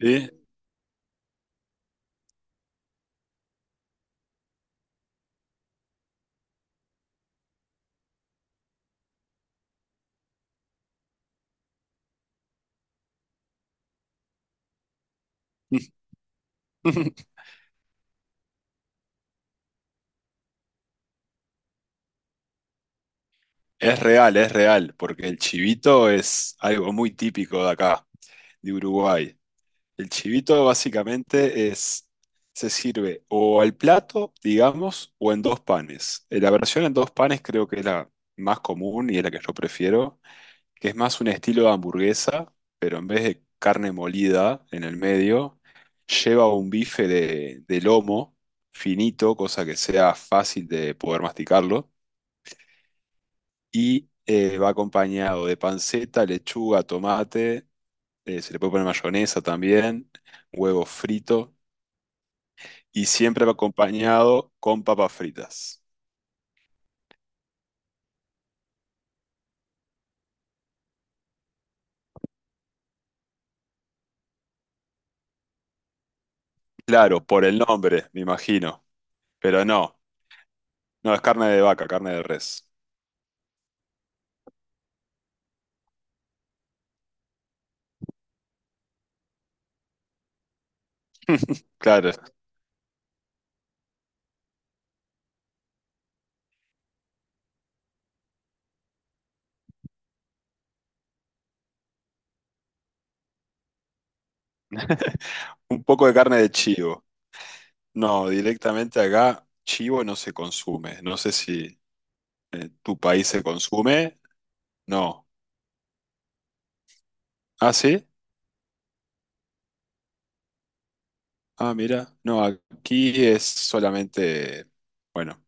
Sí. Es real, porque el chivito es algo muy típico de acá, de Uruguay. El chivito básicamente es, se sirve o al plato, digamos, o en dos panes. La versión en dos panes creo que es la más común y es la que yo prefiero, que es más un estilo de hamburguesa, pero en vez de carne molida en el medio, lleva un bife de lomo finito, cosa que sea fácil de poder masticarlo y va acompañado de panceta, lechuga, tomate, se le puede poner mayonesa también, huevo frito y siempre va acompañado con papas fritas. Claro, por el nombre, me imagino, pero no, no es carne de vaca, carne de res. Claro, un poco de carne de chivo. No, directamente acá chivo no se consume. No sé si en tu país se consume. No. ¿Ah, sí? Ah, mira. No, aquí es solamente, bueno,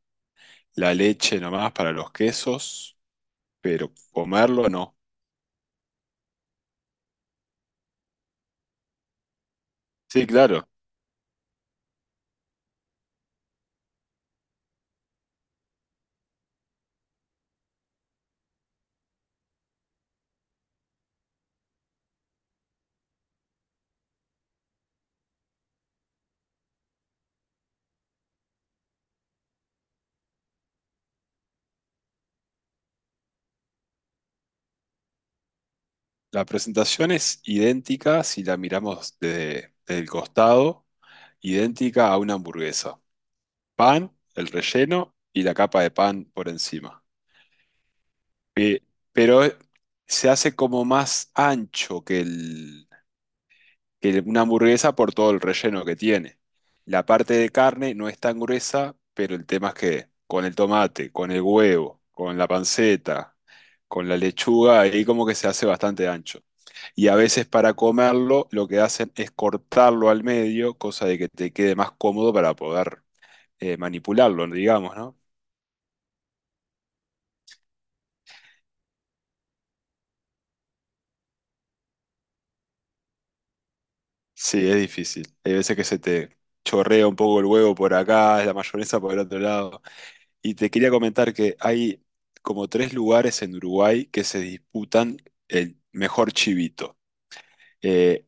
la leche nomás para los quesos, pero comerlo no. Sí, claro. La presentación es idéntica si la miramos desde, desde el costado, idéntica a una hamburguesa. Pan, el relleno y la capa de pan por encima. Eh, pero se hace como más ancho que una hamburguesa por todo el relleno que tiene. La parte de carne no es tan gruesa, pero el tema es que con el tomate, con el huevo, con la panceta, con la lechuga, ahí como que se hace bastante ancho. Y a veces para comerlo lo que hacen es cortarlo al medio, cosa de que te quede más cómodo para poder manipularlo, digamos, ¿no? Sí, es difícil. Hay veces que se te chorrea un poco el huevo por acá, la mayonesa por el otro lado. Y te quería comentar que hay como tres lugares en Uruguay que se disputan el mejor chivito. Eh,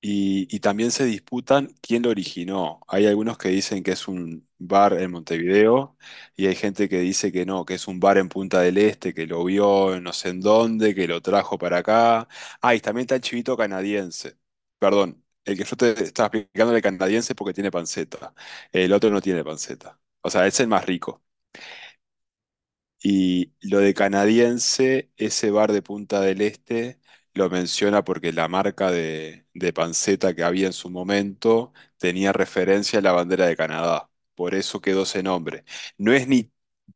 y también se disputan quién lo originó. Hay algunos que dicen que es un bar en Montevideo y hay gente que dice que no, que es un bar en Punta del Este, que lo vio en no sé en dónde, que lo trajo para acá. Ah, y también está el chivito canadiense. Perdón, el que yo te estaba explicando era el canadiense porque tiene panceta. El otro no tiene panceta. O sea, es el más rico. Y lo de canadiense, ese bar de Punta del Este lo menciona porque la marca de panceta que había en su momento tenía referencia a la bandera de Canadá. Por eso quedó ese nombre. No es ni,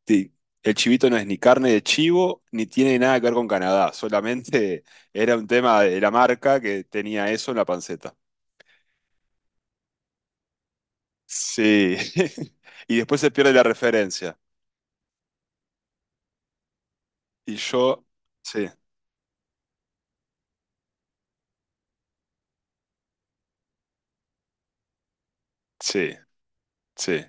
ti- El chivito no es ni carne de chivo, ni tiene nada que ver con Canadá. Solamente era un tema de la marca que tenía eso en la panceta. Sí. Y después se pierde la referencia. Y yo, sí, sí, sí.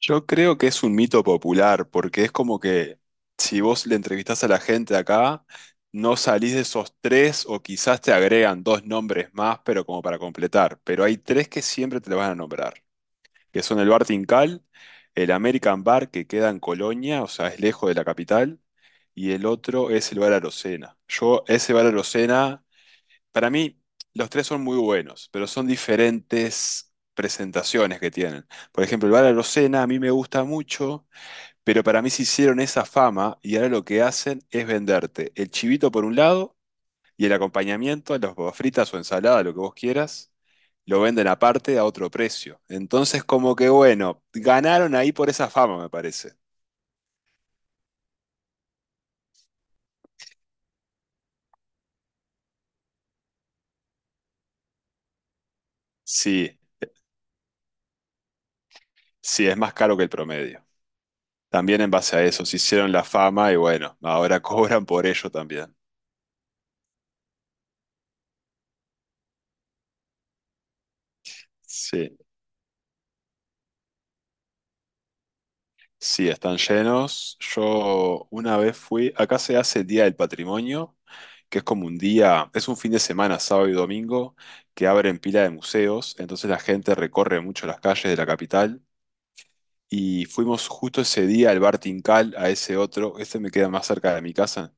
Yo creo que es un mito popular, porque es como que si vos le entrevistás a la gente de acá, no salís de esos tres o quizás te agregan dos nombres más, pero como para completar. Pero hay tres que siempre te lo van a nombrar, que son el Bar Tincal, el American Bar que queda en Colonia, o sea, es lejos de la capital, y el otro es el Bar Arocena. Yo ese bar para mí, los tres son muy buenos, pero son diferentes presentaciones que tienen. Por ejemplo, el Bala Locena a mí me gusta mucho, pero para mí se hicieron esa fama y ahora lo que hacen es venderte el chivito por un lado y el acompañamiento, las papas fritas o ensalada, lo que vos quieras, lo venden aparte a otro precio. Entonces, como que bueno, ganaron ahí por esa fama, me parece. Sí, sí, es más caro que el promedio. También en base a eso, se hicieron la fama y bueno, ahora cobran por ello también. Sí, sí, están llenos. Yo una vez fui, acá se hace el Día del Patrimonio, que es como un día, es un fin de semana, sábado y domingo, que abren pila de museos, entonces la gente recorre mucho las calles de la capital. Y fuimos justo ese día al bar Tincal, a ese otro, este me queda más cerca de mi casa,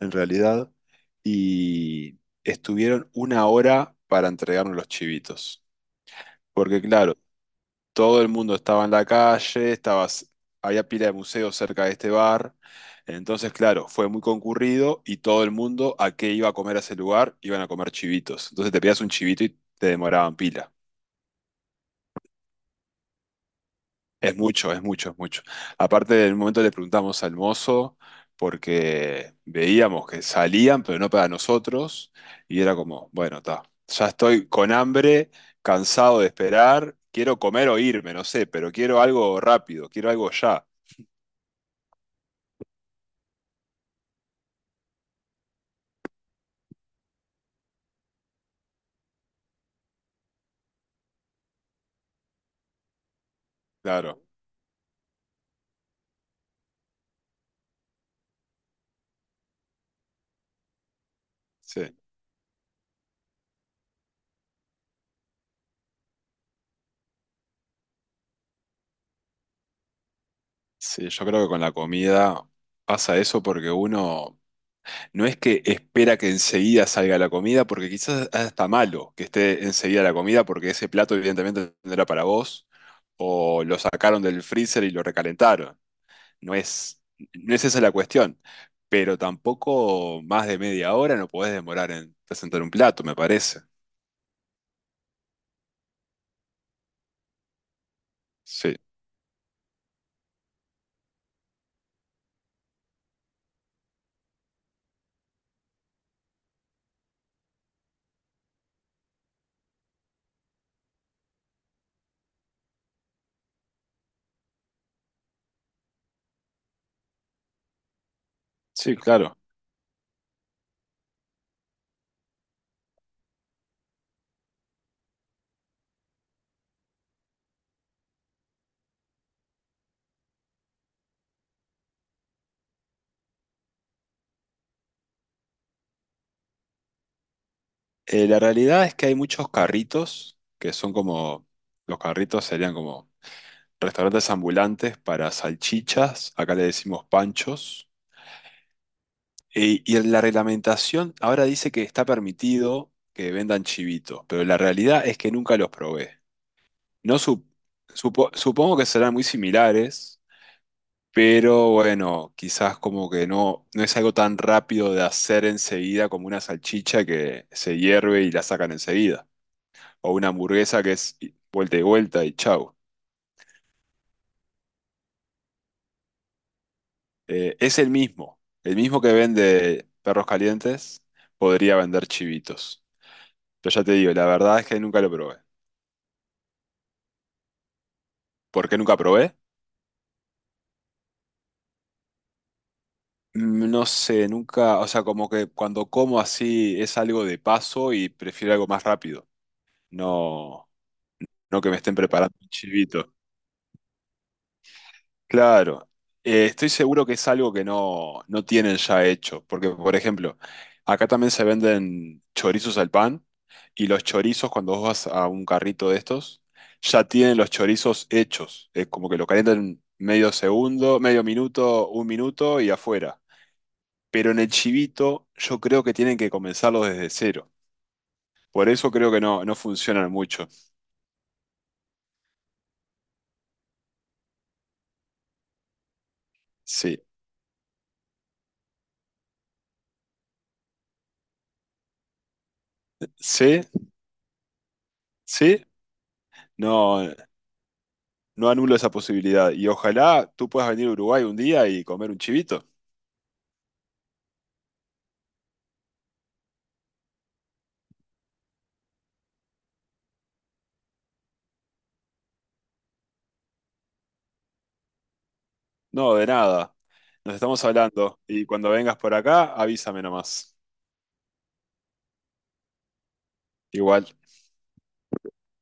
en realidad, y estuvieron una hora para entregarnos los chivitos. Porque claro, todo el mundo estaba en la calle, estabas, había pila de museos cerca de este bar. Entonces, claro, fue muy concurrido y todo el mundo a qué iba a comer a ese lugar, iban a comer chivitos. Entonces te pedías un chivito y te demoraban pila. Es mucho, es mucho, es mucho. Aparte, en un momento le preguntamos al mozo porque veíamos que salían, pero no para nosotros. Y era como, bueno, está, ya estoy con hambre, cansado de esperar, quiero comer o irme, no sé, pero quiero algo rápido, quiero algo ya. Claro, sí, sí, yo creo que con la comida pasa eso porque uno no es que espera que enseguida salga la comida, porque quizás hasta malo que esté enseguida la comida, porque ese plato evidentemente no era para vos, o lo sacaron del freezer y lo recalentaron. No es, no es esa la cuestión, pero tampoco más de media hora no podés demorar en presentar un plato, me parece. Sí, sí, claro. La realidad es que hay muchos carritos que son como, los carritos serían como restaurantes ambulantes para salchichas, acá le decimos panchos, y en la reglamentación ahora dice que está permitido que vendan chivitos, pero la realidad es que nunca los probé. No su- supo- Supongo que serán muy similares, pero bueno, quizás como que no, no es algo tan rápido de hacer enseguida como una salchicha que se hierve y la sacan enseguida, o una hamburguesa que es vuelta y vuelta y chau. Es el mismo. El mismo que vende perros calientes podría vender chivitos. Pero ya te digo, la verdad es que nunca lo probé. ¿Por qué nunca probé? Mm, no sé, nunca, o sea, como que cuando como así es algo de paso y prefiero algo más rápido. No, no que me estén preparando un chivito. Claro, estoy seguro que es algo que no, no tienen ya hecho, porque por ejemplo, acá también se venden chorizos al pan y los chorizos cuando vos vas a un carrito de estos, ya tienen los chorizos hechos, es como que lo calientan medio segundo, medio minuto, un minuto y afuera. Pero en el chivito yo creo que tienen que comenzarlo desde cero, por eso creo que no, no funcionan mucho. Sí, sí, sí, no. No anulo esa posibilidad. Y ojalá tú puedas venir a Uruguay un día y comer un chivito. No, de nada. Nos estamos hablando. Y cuando vengas por acá, avísame nomás. Igual.